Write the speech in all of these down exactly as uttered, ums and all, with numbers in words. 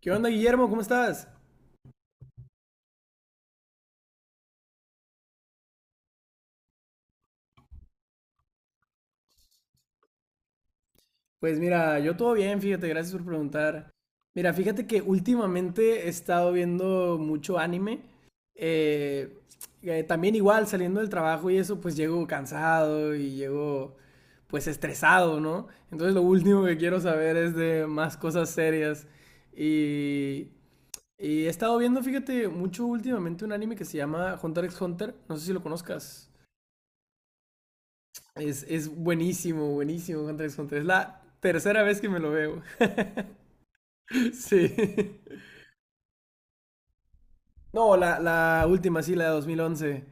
¿Qué onda, Guillermo? ¿Cómo estás? Pues mira, yo todo bien, fíjate, gracias por preguntar. Mira, fíjate que últimamente he estado viendo mucho anime. eh, eh, También igual saliendo del trabajo y eso, pues llego cansado y llego pues estresado, ¿no? Entonces lo último que quiero saber es de más cosas serias. Y, y he estado viendo, fíjate, mucho últimamente un anime que se llama Hunter x Hunter. No sé si lo conozcas. Es, es buenísimo, buenísimo Hunter x Hunter. Es la tercera vez que me lo veo. Sí. No, la, la última, sí, la de dos mil once.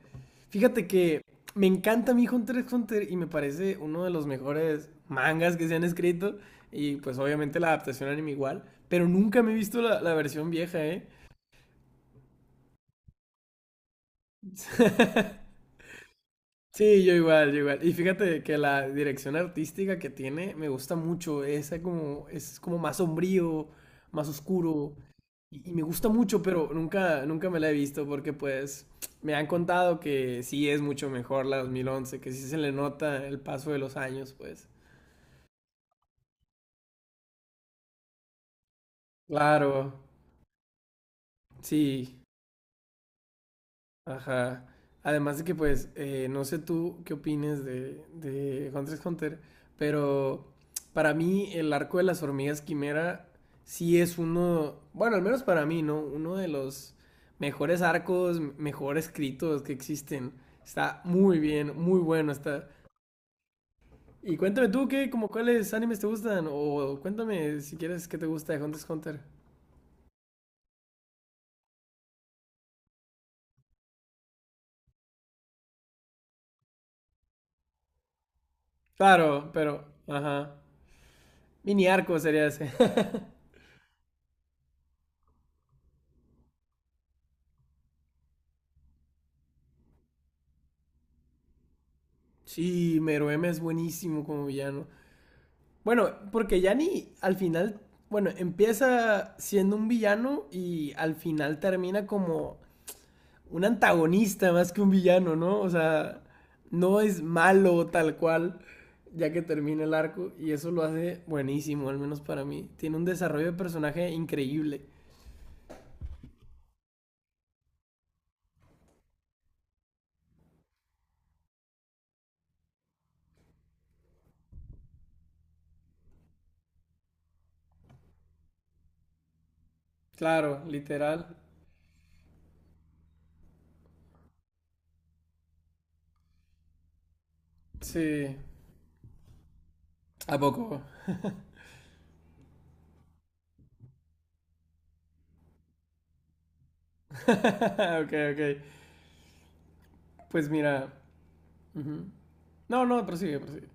Fíjate que me encanta mi Hunter x Hunter y me parece uno de los mejores mangas que se han escrito. Y pues obviamente la adaptación anime igual. Pero nunca me he visto la, la versión vieja, ¿eh? Sí, yo igual, yo igual. Y fíjate que la dirección artística que tiene me gusta mucho. Es como, es como más sombrío, más oscuro. Y, y me gusta mucho, pero nunca, nunca me la he visto porque pues me han contado que sí es mucho mejor la dos mil once, que sí se le nota el paso de los años, pues. Claro, sí. Ajá. Además de que, pues, eh, no sé tú qué opines de, de Hunter x Hunter, pero para mí el arco de las hormigas quimera sí es uno, bueno, al menos para mí, ¿no? Uno de los mejores arcos, mejor escritos que existen. Está muy bien, muy bueno está. Y cuéntame tú, ¿qué, como cuáles animes te gustan? O cuéntame si quieres qué te gusta de Hunter x Hunter. Claro, pero, ajá. Mini arco sería ese. Sí, Meruem es buenísimo como villano. Bueno, porque Yanni al final, bueno, empieza siendo un villano y al final termina como un antagonista más que un villano, ¿no? O sea, no es malo tal cual ya que termina el arco y eso lo hace buenísimo, al menos para mí. Tiene un desarrollo de personaje increíble. Claro, literal. Sí. ¿A poco? Ok, ok. Pues mira. Ujú. No, no, prosigue, prosigue.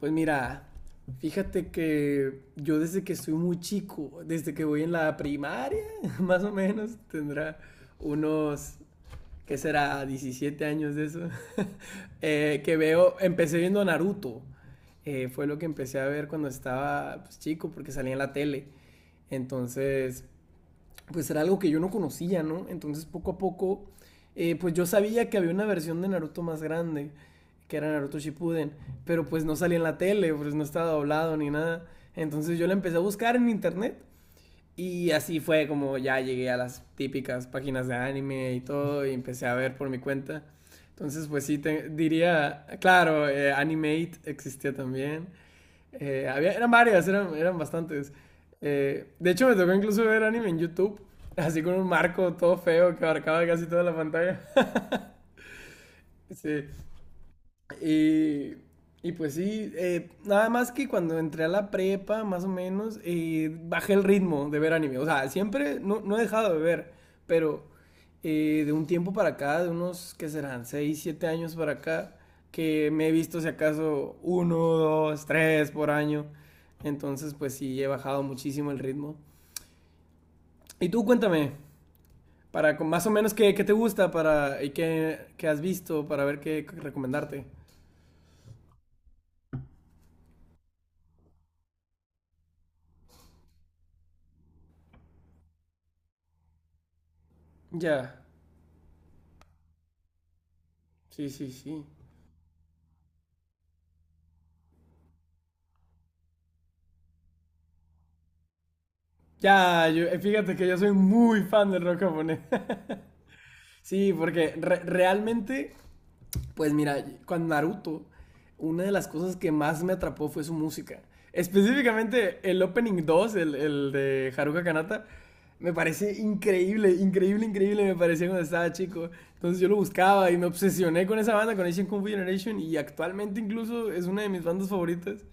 Pues mira, fíjate que yo desde que soy muy chico, desde que voy en la primaria, más o menos, tendrá unos, ¿qué será? diecisiete años de eso, eh, que veo, empecé viendo Naruto. Eh, fue lo que empecé a ver cuando estaba pues, chico, porque salía en la tele. Entonces, pues era algo que yo no conocía, ¿no? Entonces poco a poco, eh, pues yo sabía que había una versión de Naruto más grande, que era Naruto Shippuden, pero pues no salía en la tele, pues no estaba doblado ni nada. Entonces yo la empecé a buscar en internet y así fue como ya llegué a las típicas páginas de anime y todo y empecé a ver por mi cuenta. Entonces pues sí, te- diría, claro, eh, Animate existía también. Eh, había, eran varias, eran, eran bastantes. Eh, de hecho, me tocó incluso ver anime en YouTube, así con un marco todo feo que abarcaba casi toda la pantalla. Sí. Y, y pues sí, eh, nada más que cuando entré a la prepa, más o menos, eh, bajé el ritmo de ver anime. O sea, siempre no, no he dejado de ver, pero eh, de un tiempo para acá, de unos, ¿qué serán? Seis siete años para acá, que me he visto si acaso uno, dos, tres por año. Entonces, pues sí, he bajado muchísimo el ritmo. Y tú cuéntame, para con- más o menos qué, qué te gusta para, y qué, qué has visto para ver qué recomendarte. Ya. Sí, sí, sí. Ya, yo, eh, fíjate que yo soy muy fan del rock japonés. Sí, porque re- realmente, pues mira, con Naruto, una de las cosas que más me atrapó fue su música. Específicamente el Opening dos el, el de Haruka Kanata, me parece increíble, increíble, increíble, me parecía cuando estaba chico. Entonces yo lo buscaba y me obsesioné con esa banda, con Asian Kung Fu Generation, y actualmente incluso es una de mis bandas favoritas.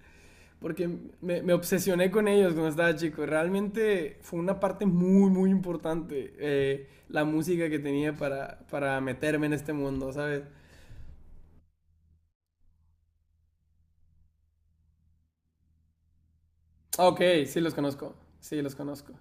Porque me, me, obsesioné con ellos cuando estaba chico. Realmente fue una parte muy, muy importante eh, la música que tenía para, para, meterme en este mundo, ¿sabes? Ah, Ok, sí los conozco, sí los conozco.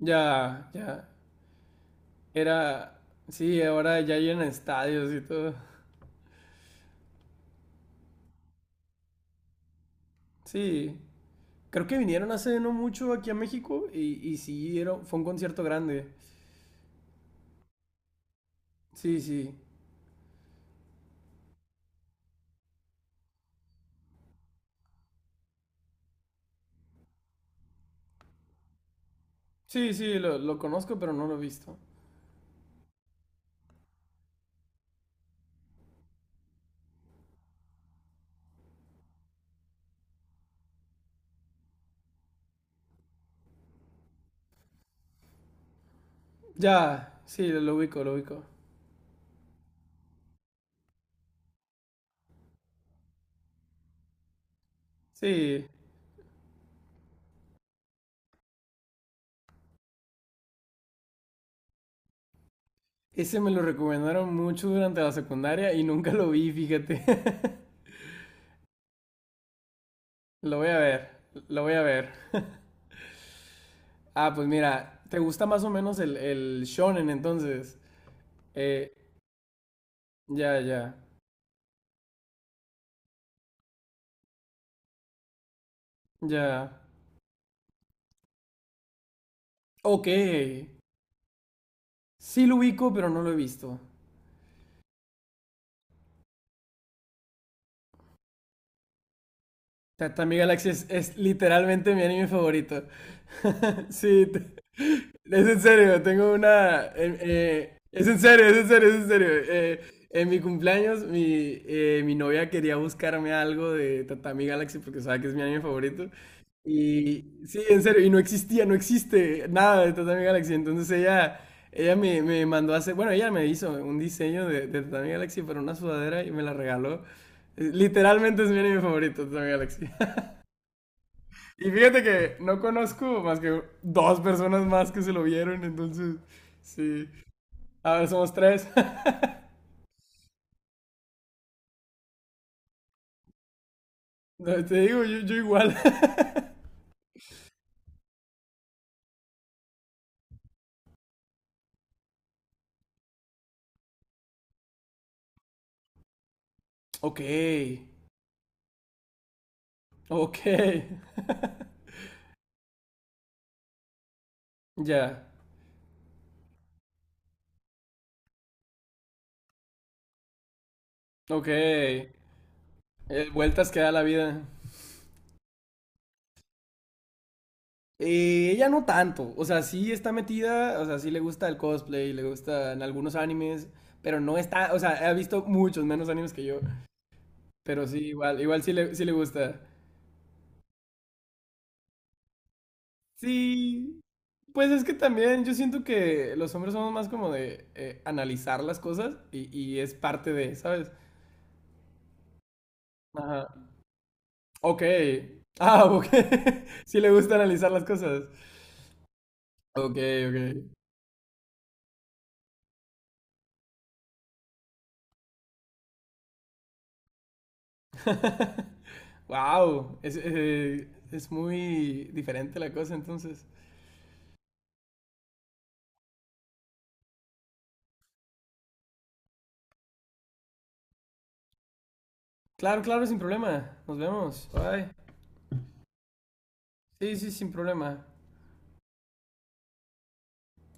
Ya, ya. Era, sí, ahora ya llenan estadios y todo. Sí, creo que vinieron hace no mucho aquí a México y, y sí, era, fue un concierto grande. Sí, sí. Sí, sí, lo, lo conozco, pero no lo he visto. Ya, sí, lo, lo ubico, lo ubico. Sí, ese me lo recomendaron mucho durante la secundaria y nunca lo vi, fíjate. Lo voy a ver, lo voy a ver. Ah, pues mira, ¿te gusta más o menos el, el shonen entonces? Eh, ya, ya, ya. Ok. Sí lo ubico, pero no lo he visto. Tatami Galaxy es, es literalmente mi anime favorito. Sí. Es en serio, tengo una. Eh, eh, es en serio, es en serio, es en serio. Eh, en mi cumpleaños, mi, eh, mi novia quería buscarme algo de Tatami Galaxy porque sabe que es mi anime favorito. Y sí, en serio, y no existía, no existe nada de Tatami Galaxy. Entonces ella, ella me, me mandó a hacer, bueno, ella me hizo un diseño de, de Tatami Galaxy para una sudadera y me la regaló. Eh, Literalmente es mi anime favorito, Tatami Galaxy. Y fíjate que no conozco más que dos personas más que se lo vieron, entonces, sí. A ver, somos tres. No, te digo, yo, yo igual. Ok, ok. Ya, ok. Eh, vueltas que da la vida. Eh, ella no tanto, o sea, sí está metida, o sea, sí le gusta el cosplay, le gustan algunos animes, pero no está, o sea, ha visto muchos menos animes que yo, pero sí, igual, igual sí le, sí le gusta. Sí, pues es que también yo siento que los hombres somos más como de eh, analizar las cosas y, y es parte de, ¿sabes? Ajá. Ok. Ah, ok. Sí le gusta analizar las cosas. Ok, ok. Wow. Es, eh, es muy diferente la cosa entonces. Claro, claro, sin problema. Nos vemos. Bye. Sí, sí, sin problema.